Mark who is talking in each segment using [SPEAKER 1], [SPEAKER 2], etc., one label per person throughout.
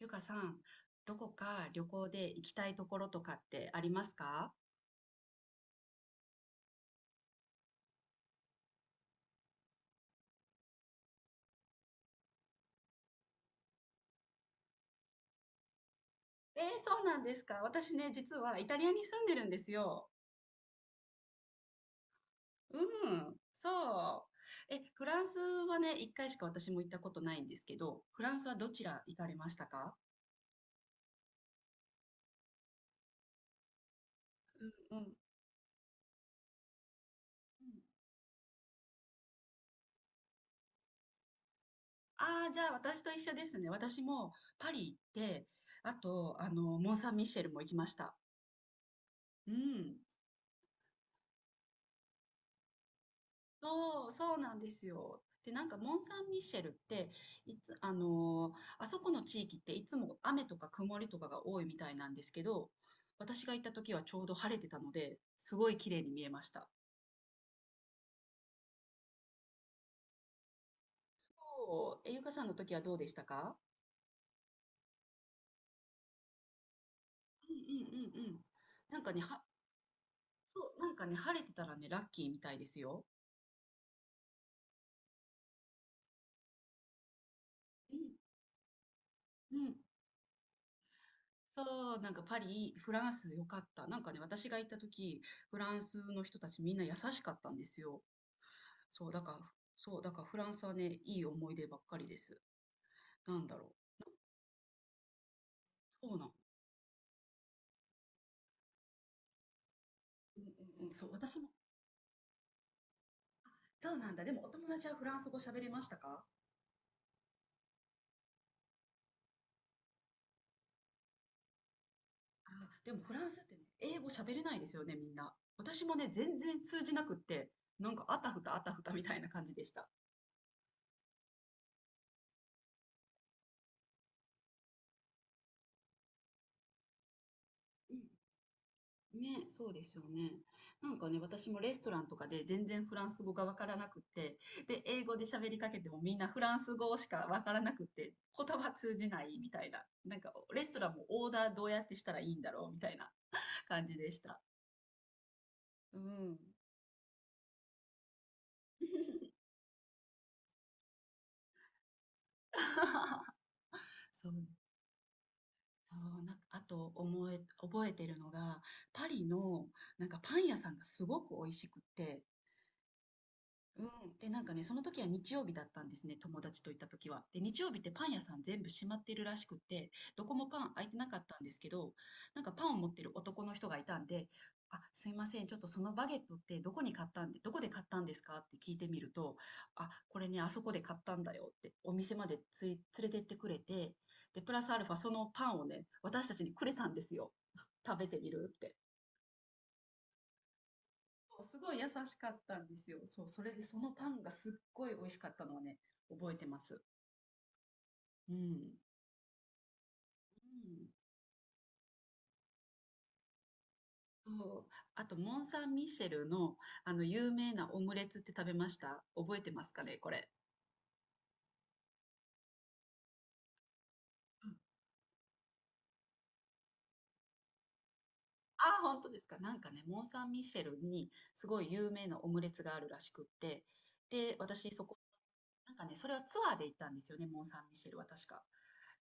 [SPEAKER 1] ゆかさん、どこか旅行で行きたいところとかってありますか？そうなんですか。私ね、実はイタリアに住んでるんですよ。うん、そフランスはね、一回しか私も行ったことないんですけど、フランスはどちら行かれましたか？うん。ああー、じゃあ私と一緒ですね。私もパリ行って、あと、モン・サン・ミシェルも行きました。うん。そう、そうなんですよ。で、なんかモン・サン・ミッシェルって、いつ、あのーあそこの地域っていつも雨とか曇りとかが多いみたいなんですけど、私が行った時はちょうど晴れてたので、すごい綺麗に見えました。そう、え、ゆかさんの時はどうでしたか？うんうんうんうん。なんかね、は、そう、なんかね、晴れてたらね、ラッキーみたいですよ。うん、うん。そう、なんかパリ、フランス良かった。なんかね、私が行った時、フランスの人たちみんな優しかったんですよ。そう、だから、そう、だからフランスはね、いい思い出ばっかりです。なんだろう。そうなん。うんうんうん、そう、私も、そうなんだ。でもお友達はフランス語喋れましたか？あでもフランスってね、英語喋れないですよね、みんな。私もね、全然通じなくって、なんかあたふたあたふたみたいな感じでした。うんね、そうですよね。なんかね、私もレストランとかで全然フランス語がわからなくって、で、英語で喋りかけてもみんなフランス語しかわからなくって、言葉通じないみたいな。なんか、レストランもオーダーどうやってしたらいいんだろうみたいな感じでした。うん。そう、そうなんかあと思え、覚えてるのが、パリのなんかパン屋さんがすごく美味しくって、うん。で、なんかね、その時は日曜日だったんですね、友達と行った時は。で、日曜日ってパン屋さん全部閉まってるらしくって、どこもパン開いてなかったんですけど、なんかパンを持ってる男の人がいたんで、あ、すいません、ちょっとそのバゲットってどこに買ったんで、どこで買ったんですかって聞いてみると、あ、これね、あそこで買ったんだよって、お店までつい、連れてってくれて、で、プラスアルファそのパンをね、私たちにくれたんですよ。食べてみるって。すごい優しかったんですよ。そう、それでそのパンがすっごい美味しかったのはね、覚えてます。うん。うん。そう。あと、モン・サン・ミシェルの、有名なオムレツって食べました、覚えてますかね、これ。うん。ああ、本当ですか。なんかね、モン・サン・ミシェルにすごい有名なオムレツがあるらしくって、で、私そこなんかね、それはツアーで行ったんですよね、モン・サン・ミシェルは確か。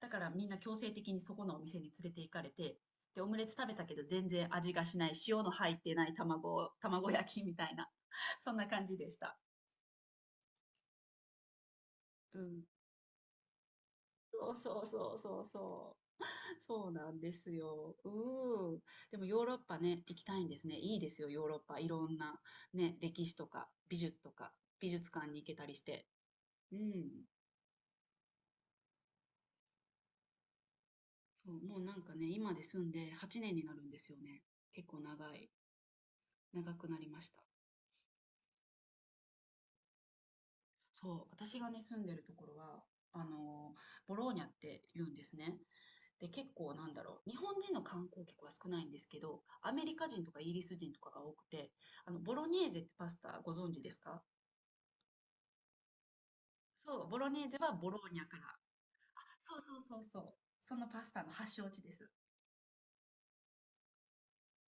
[SPEAKER 1] だからみんな強制的にそこのお店に連れて行かれて、で、オムレツ食べたけど全然味がしない、塩の入ってない卵、卵焼きみたいな、そんな感じでした。うん。そうそうそうそうそう。そうなんですよ。うん。でもヨーロッパね、行きたいんですね。いいですよ、ヨーロッパ。いろんなね、歴史とか美術とか美術館に行けたりして。うん。そう、もうなんかね、今で住んで8年になるんですよね。結構長い、長くなりました。そう、私がね、住んでるところは、あのボローニャって言うんですね。で、結構なんだろう、日本人の観光客は少ないんですけど、アメリカ人とかイギリス人とかが多くて、ボロネーゼってパスタご存知ですか？そう、ボロネーゼはボローニャから。そうそうそうそう。そのパスタの発祥地です。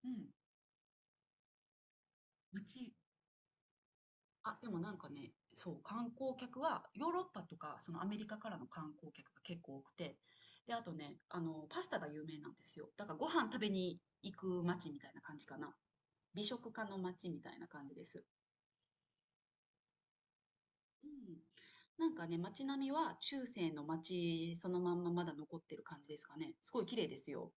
[SPEAKER 1] うん。町、あ、でもなんかね、そう、観光客は、ヨーロッパとか、そのアメリカからの観光客が結構多くて、で、あとね、パスタが有名なんですよ。だからご飯食べに行く街みたいな感じかな。美食家の街みたいな感じです。うん。なんかね、街並みは中世の街そのまんままだ残ってる感じですかね。すごい綺麗ですよ。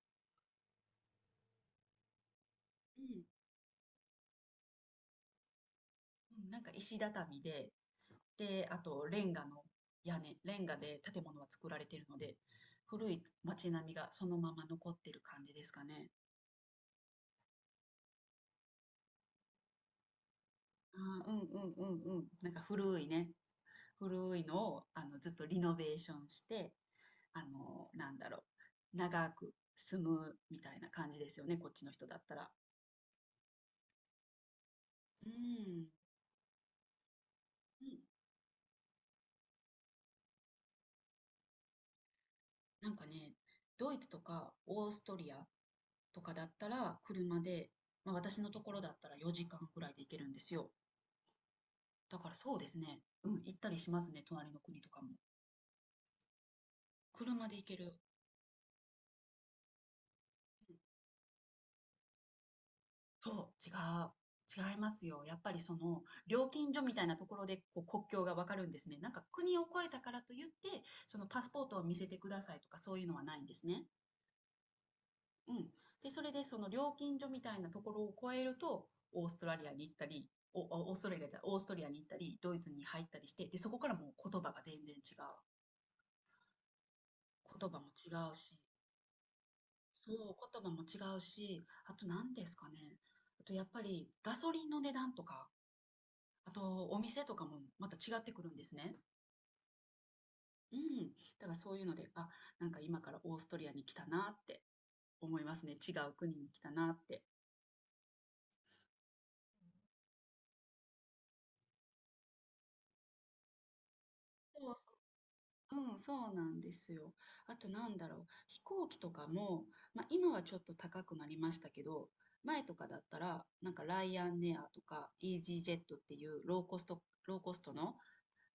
[SPEAKER 1] うん。うんなんか石畳で、で、あと、レンガで建物は作られているので、古い街並みがそのまま残ってる感じですかね。あーうんうんうんうん。古いのをあのずっとリノベーションして、あの、なんだろ長く住むみたいな感じですよね、こっちの人だったら。うん、うん。なんかね、ドイツとかオーストリアとかだったら車で、まあ、私のところだったら4時間くらいで行けるんですよ。だからそうですね。うん、行ったりしますね、隣の国とかも。車で行ける。そう、違いますよ。やっぱりその料金所みたいなところでこう国境がわかるんですね。なんか国を越えたからといって、そのパスポートを見せてくださいとかそういうのはないんですね。うん。で、それでその料金所みたいなところを越えると、オーストラリアに行ったり、お、おオーストラリアじゃ、オーストリアに行ったり、ドイツに入ったりして、で、そこからもう言葉が全然違う。言葉も違うし、そう、言葉も違うし、あと何ですかね。あとやっぱりガソリンの値段とか、あとお店とかもまた違ってくるんですね。うん。だからそういうので、あ、なんか今からオーストリアに来たなって思いますね。違う国に来たなって。そうそう。うん、そうなんですよ。あとなんだろう。飛行機とかも、まあ今はちょっと高くなりましたけど、前とかだったら、なんかライアンエアとかイージージェットっていうローコストの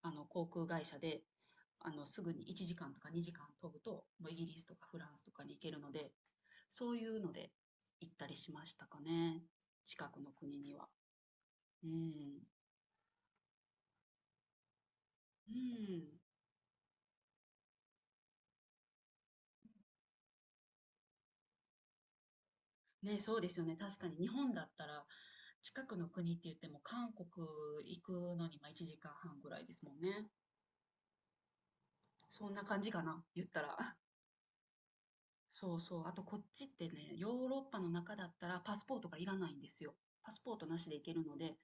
[SPEAKER 1] 航空会社ですぐに1時間とか2時間飛ぶともうイギリスとかフランスとかに行けるのでそういうので行ったりしましたかね近くの国には。うんうんね、そうですよね。確かに日本だったら近くの国って言っても韓国行くのにまあ1時間半ぐらいですもんね。そんな感じかな言ったら。そうそう。あとこっちってね、ヨーロッパの中だったらパスポートがいらないんですよ。パスポートなしで行けるので、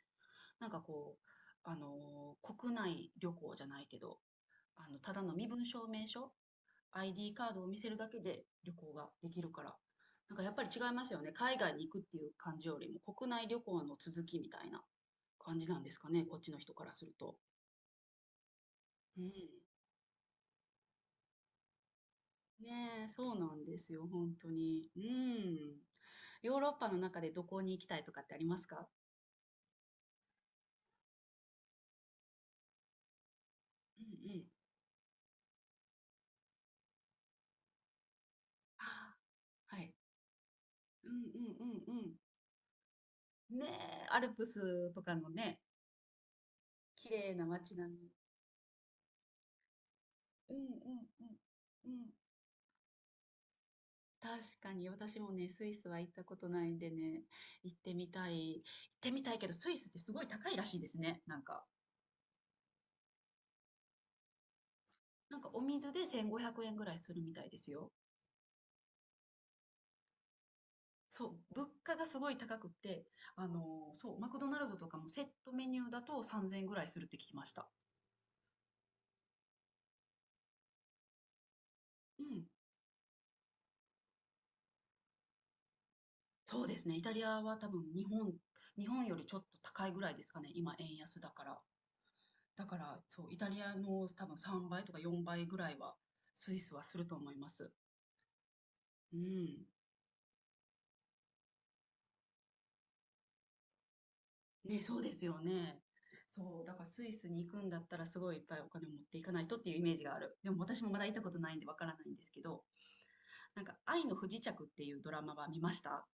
[SPEAKER 1] なんかこう、国内旅行じゃないけど、ただの身分証明書、ID カードを見せるだけで旅行ができるから、なんかやっぱり違いますよね。海外に行くっていう感じよりも、国内旅行の続きみたいな感じなんですかね、こっちの人からすると。うん。ねえ、そうなんですよ、本当に。うん。ヨーロッパの中でどこに行きたいとかってありますか？うんうん。あーはい。うんうんうんうん。ねえ、アルプスとかのね、綺麗な街並み。うんうんうんうん。確かに私もね、スイスは行ったことないんでね、行ってみたいけど、スイスってすごい高いらしいですね。なんかお水で1500円ぐらいするみたいですよ。そう、物価がすごい高くて、マクドナルドとかもセットメニューだと3000円ぐらいするって聞きました。うん。そうですね。イタリアは多分日本、日本よりちょっと高いぐらいですかね。今円安だから。だから、そう、イタリアの多分3倍とか4倍ぐらいは、スイスはすると思います。うん。ね、そうですよね。そう、だからスイスに行くんだったらすごいいっぱいお金を持っていかないとっていうイメージがある。でも私もまだ行ったことないんでわからないんですけど、なんか愛の不時着っていうドラマは見ました？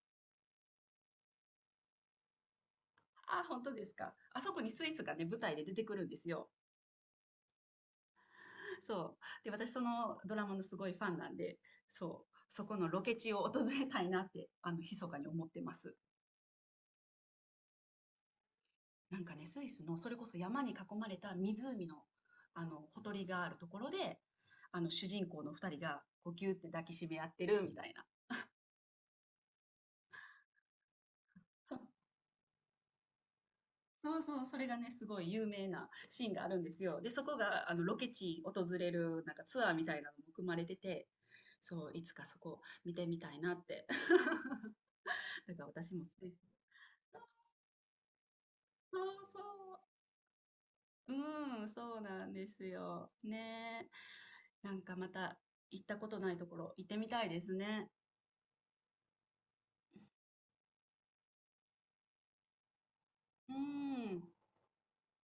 [SPEAKER 1] ああ本当ですか。あそこにスイスがね、舞台で出てくるんですよ。そう。で、私そのドラマのすごいファンなんで、そう、そこのロケ地を訪れたいなって、あの、密かに思ってます。なんかね、スイスのそれこそ山に囲まれた湖の、あの、ほとりがあるところで、あの、主人公の二人がこうギュって抱きしめ合ってるみたいな。そうそうそう、それがね、すごい有名なシーンがあるんですよ。で、そこが、あの、ロケ地訪れる、なんかツアーみたいなのも組まれてて、そう、いつかそこ見てみたいなって。だから私もスイス。そうそう。うん、そうなんですよ。ねえ。なんかまた行ったことないところ行ってみたいですね。うん。